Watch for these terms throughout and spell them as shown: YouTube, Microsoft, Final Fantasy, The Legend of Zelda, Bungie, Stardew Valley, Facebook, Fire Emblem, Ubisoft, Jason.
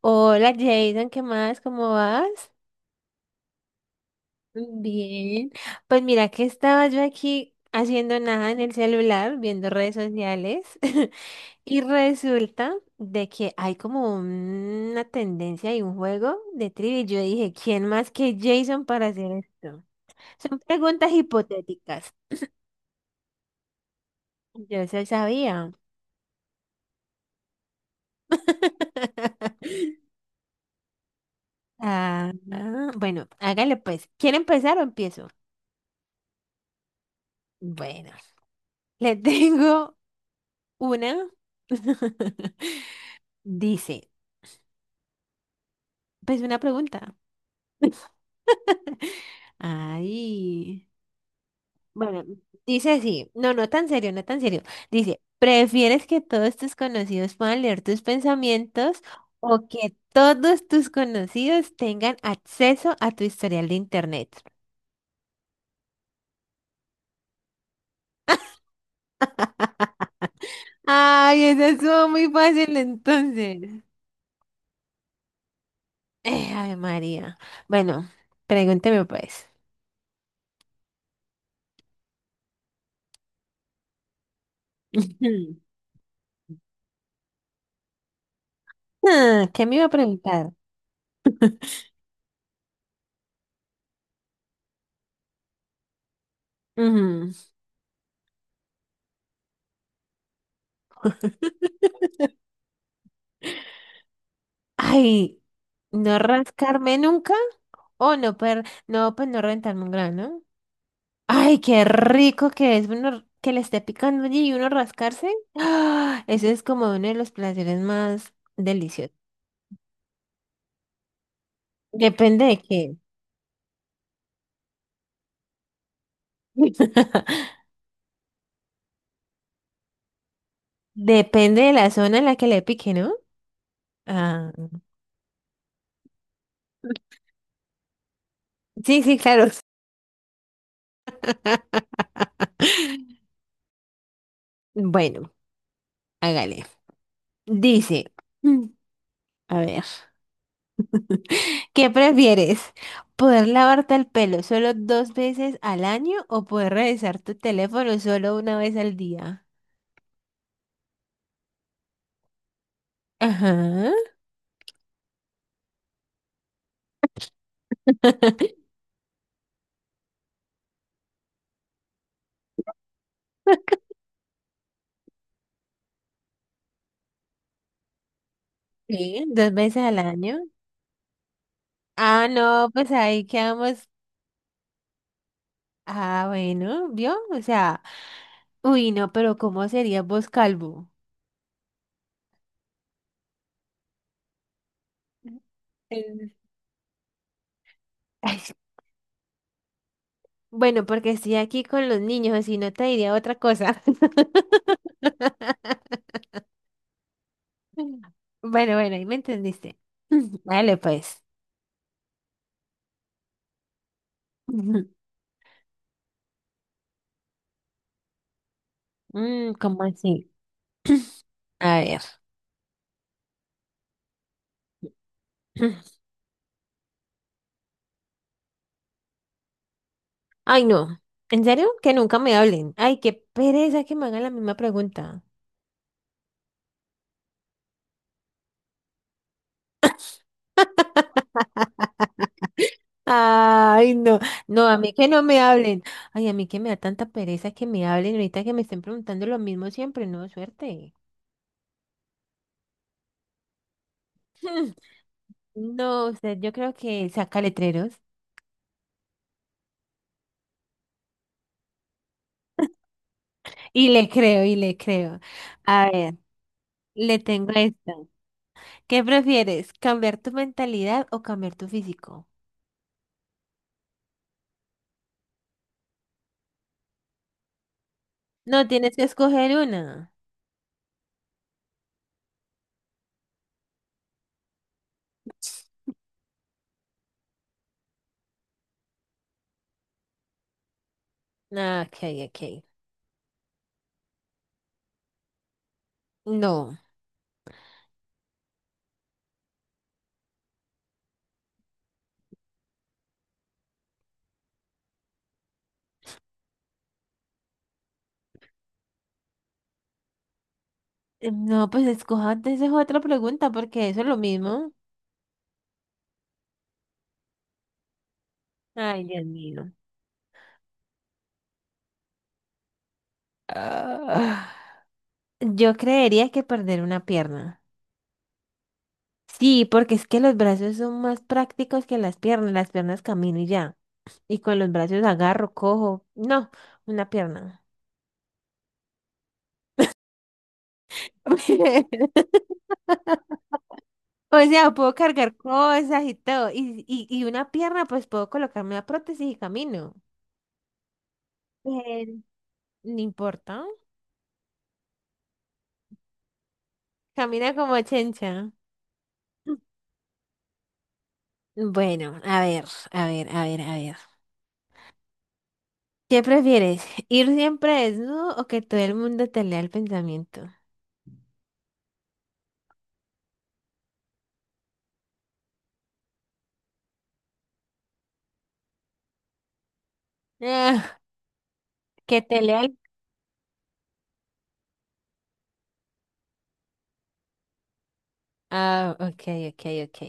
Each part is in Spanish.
Hola Jason, ¿qué más? ¿Cómo vas? Bien. Pues mira que estaba yo aquí haciendo nada en el celular, viendo redes sociales, y resulta de que hay como una tendencia y un juego de trivia. Yo dije, ¿quién más que Jason para hacer esto? Son preguntas hipotéticas. Yo se sabía. Ah, ah, bueno, hágale pues. ¿Quiere empezar o empiezo? Bueno, le tengo. Una dice, pues una pregunta. Ay, bueno, dice así, no, no tan serio, no tan serio. Dice, ¿prefieres que todos tus conocidos puedan leer tus pensamientos o que todos tus conocidos tengan acceso a tu historial de internet? Ay, esa estuvo muy fácil entonces. Ay, María. Bueno, pregúnteme pues. Ah, ¿qué me iba a preguntar? Ujú. Ay, no rascarme nunca o no per, no, pues no rentarme un grano. Ay, qué rico que es uno que le esté picando allí y uno rascarse. ¡Ah! Eso es como uno de los placeres más deliciosos. Depende de qué. Depende de la zona en la que le pique, ¿no? Ah, sí, sí, claro. Bueno, hágale. Dice, mm, a ver. ¿Qué prefieres? ¿Poder lavarte el pelo solo dos veces al año o poder revisar tu teléfono solo una vez al día? Ajá. Sí, dos veces al año. Ah, no, pues ahí quedamos. Ah, bueno, ¿vio? O sea, uy, no, pero ¿cómo sería vos calvo? Eh, ay, bueno, porque estoy aquí con los niños, si no te diría otra cosa. Bueno, bueno, ahí me entendiste. Dale, pues. Ujú. Mm, ¿cómo así? A ver. Ay, no. ¿En serio? Que nunca me hablen. Ay, qué pereza que me hagan la misma pregunta. Ay, no. No, a mí que no me hablen. Ay, a mí que me da tanta pereza que me hablen ahorita que me estén preguntando lo mismo siempre. No, suerte. No, usted, yo creo que saca letreros. Y le creo, y le creo. A ver, le tengo esta. ¿Qué prefieres? ¿Cambiar tu mentalidad o cambiar tu físico? No, tienes que escoger una. Ah, ok, ok. No. No, pues escoja antes esa otra pregunta porque eso es lo mismo. Ay, Dios mío. Ah, yo creería que perder una pierna. Sí, porque es que los brazos son más prácticos que las piernas. Las piernas camino y ya. Y con los brazos agarro, cojo. No, una pierna. O sea, puedo cargar cosas y todo. Y una pierna, pues puedo colocarme la prótesis y camino. Pero no importa. Camina como chencha. Bueno, a ver. ¿Qué prefieres? ¿Ir siempre desnudo o que todo el mundo te lea el pensamiento? Ah, que te lea el... Ah, ok, ok, ok.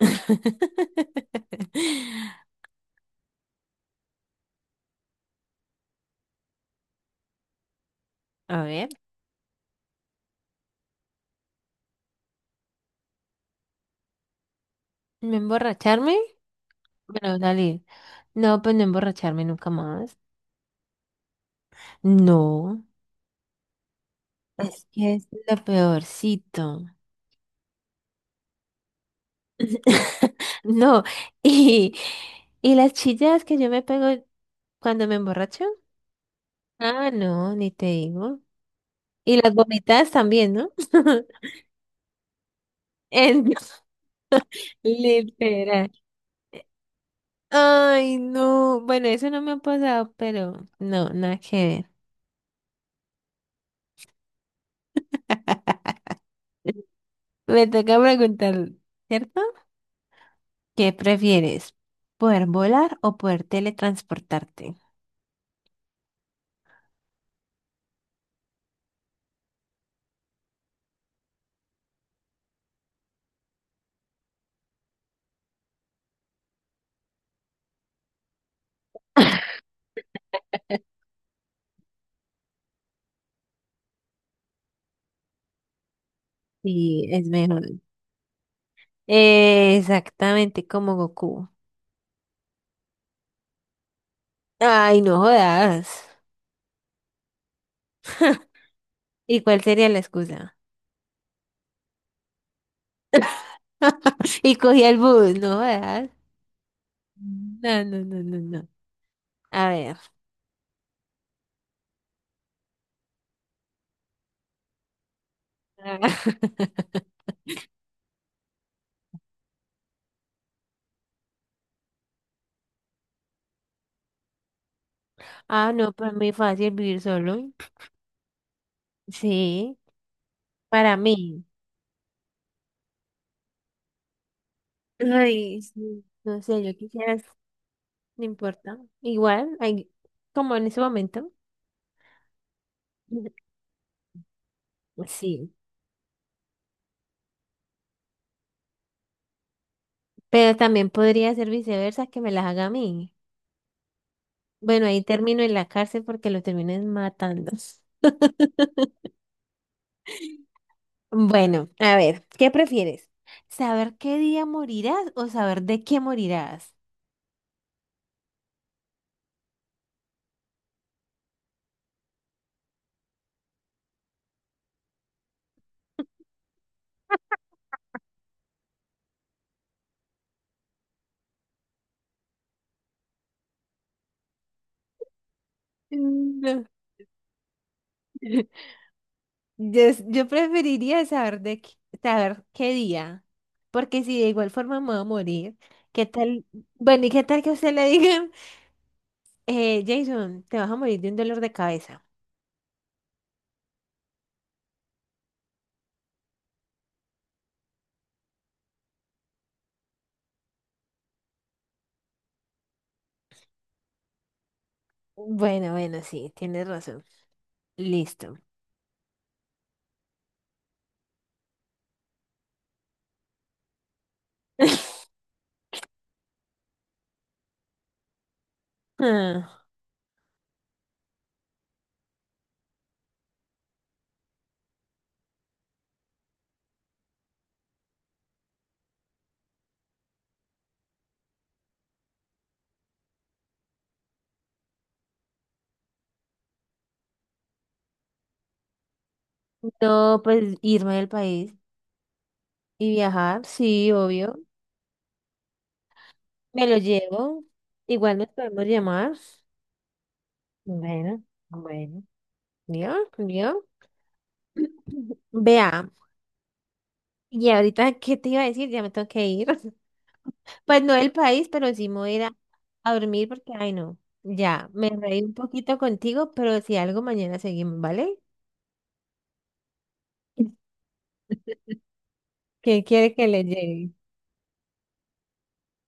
A ver, ¿no emborracharme? Bueno, salir. No, pues no emborracharme nunca más. No, es que es lo peorcito. No, y, y las chillas que yo me pego cuando me emborracho. Ah, no, ni te digo. Y las vomitadas también, ¿no? En- literal. Ay, no. Bueno, eso no me ha pasado, pero no, nada que ver. Me toca preguntar, ¿cierto? ¿Qué prefieres? ¿Poder volar o poder teletransportarte? Sí, es mejor. Exactamente como Goku. Ay, no jodas. ¿Y cuál sería la excusa? Y cogí el bus, no jodas. No, no, no, no, no. A ver. Ah, no, para mí es fácil vivir solo. Sí, para mí. Ay, sí, no sé, yo quisiera, no importa. Igual, hay- como en ese momento. Sí, pero también podría ser viceversa que me las haga a mí. Bueno, ahí termino en la cárcel porque lo terminen matando. Bueno, a ver, ¿qué prefieres? ¿Saber qué día morirás o saber de qué morirás? Mm, no. Yo preferiría saber de qué- saber qué día, porque si de igual forma me voy a morir, ¿qué tal? Bueno, ¿y qué tal que a usted le digan, Jason, te vas a morir de un dolor de cabeza? Bueno, bueno, sí, tienes razón. Listo. Ah, no, pues irme del país y viajar, sí, obvio. Me lo llevo. Igual nos podemos llamar. Bueno, bueno. ¿Vio? ¿Vio? Vea. Y ahorita, ¿qué te iba a decir? Ya me tengo que ir. Pues no el país, pero sí me voy a ir a dormir porque, ay no, ya, me reí un poquito contigo, pero si algo mañana seguimos, ¿vale? ¿Qué quiere que le lleve?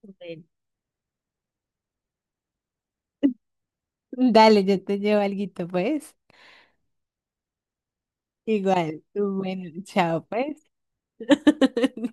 Bueno. Dale, yo te llevo alguito, pues. Igual, bueno, chao, pues.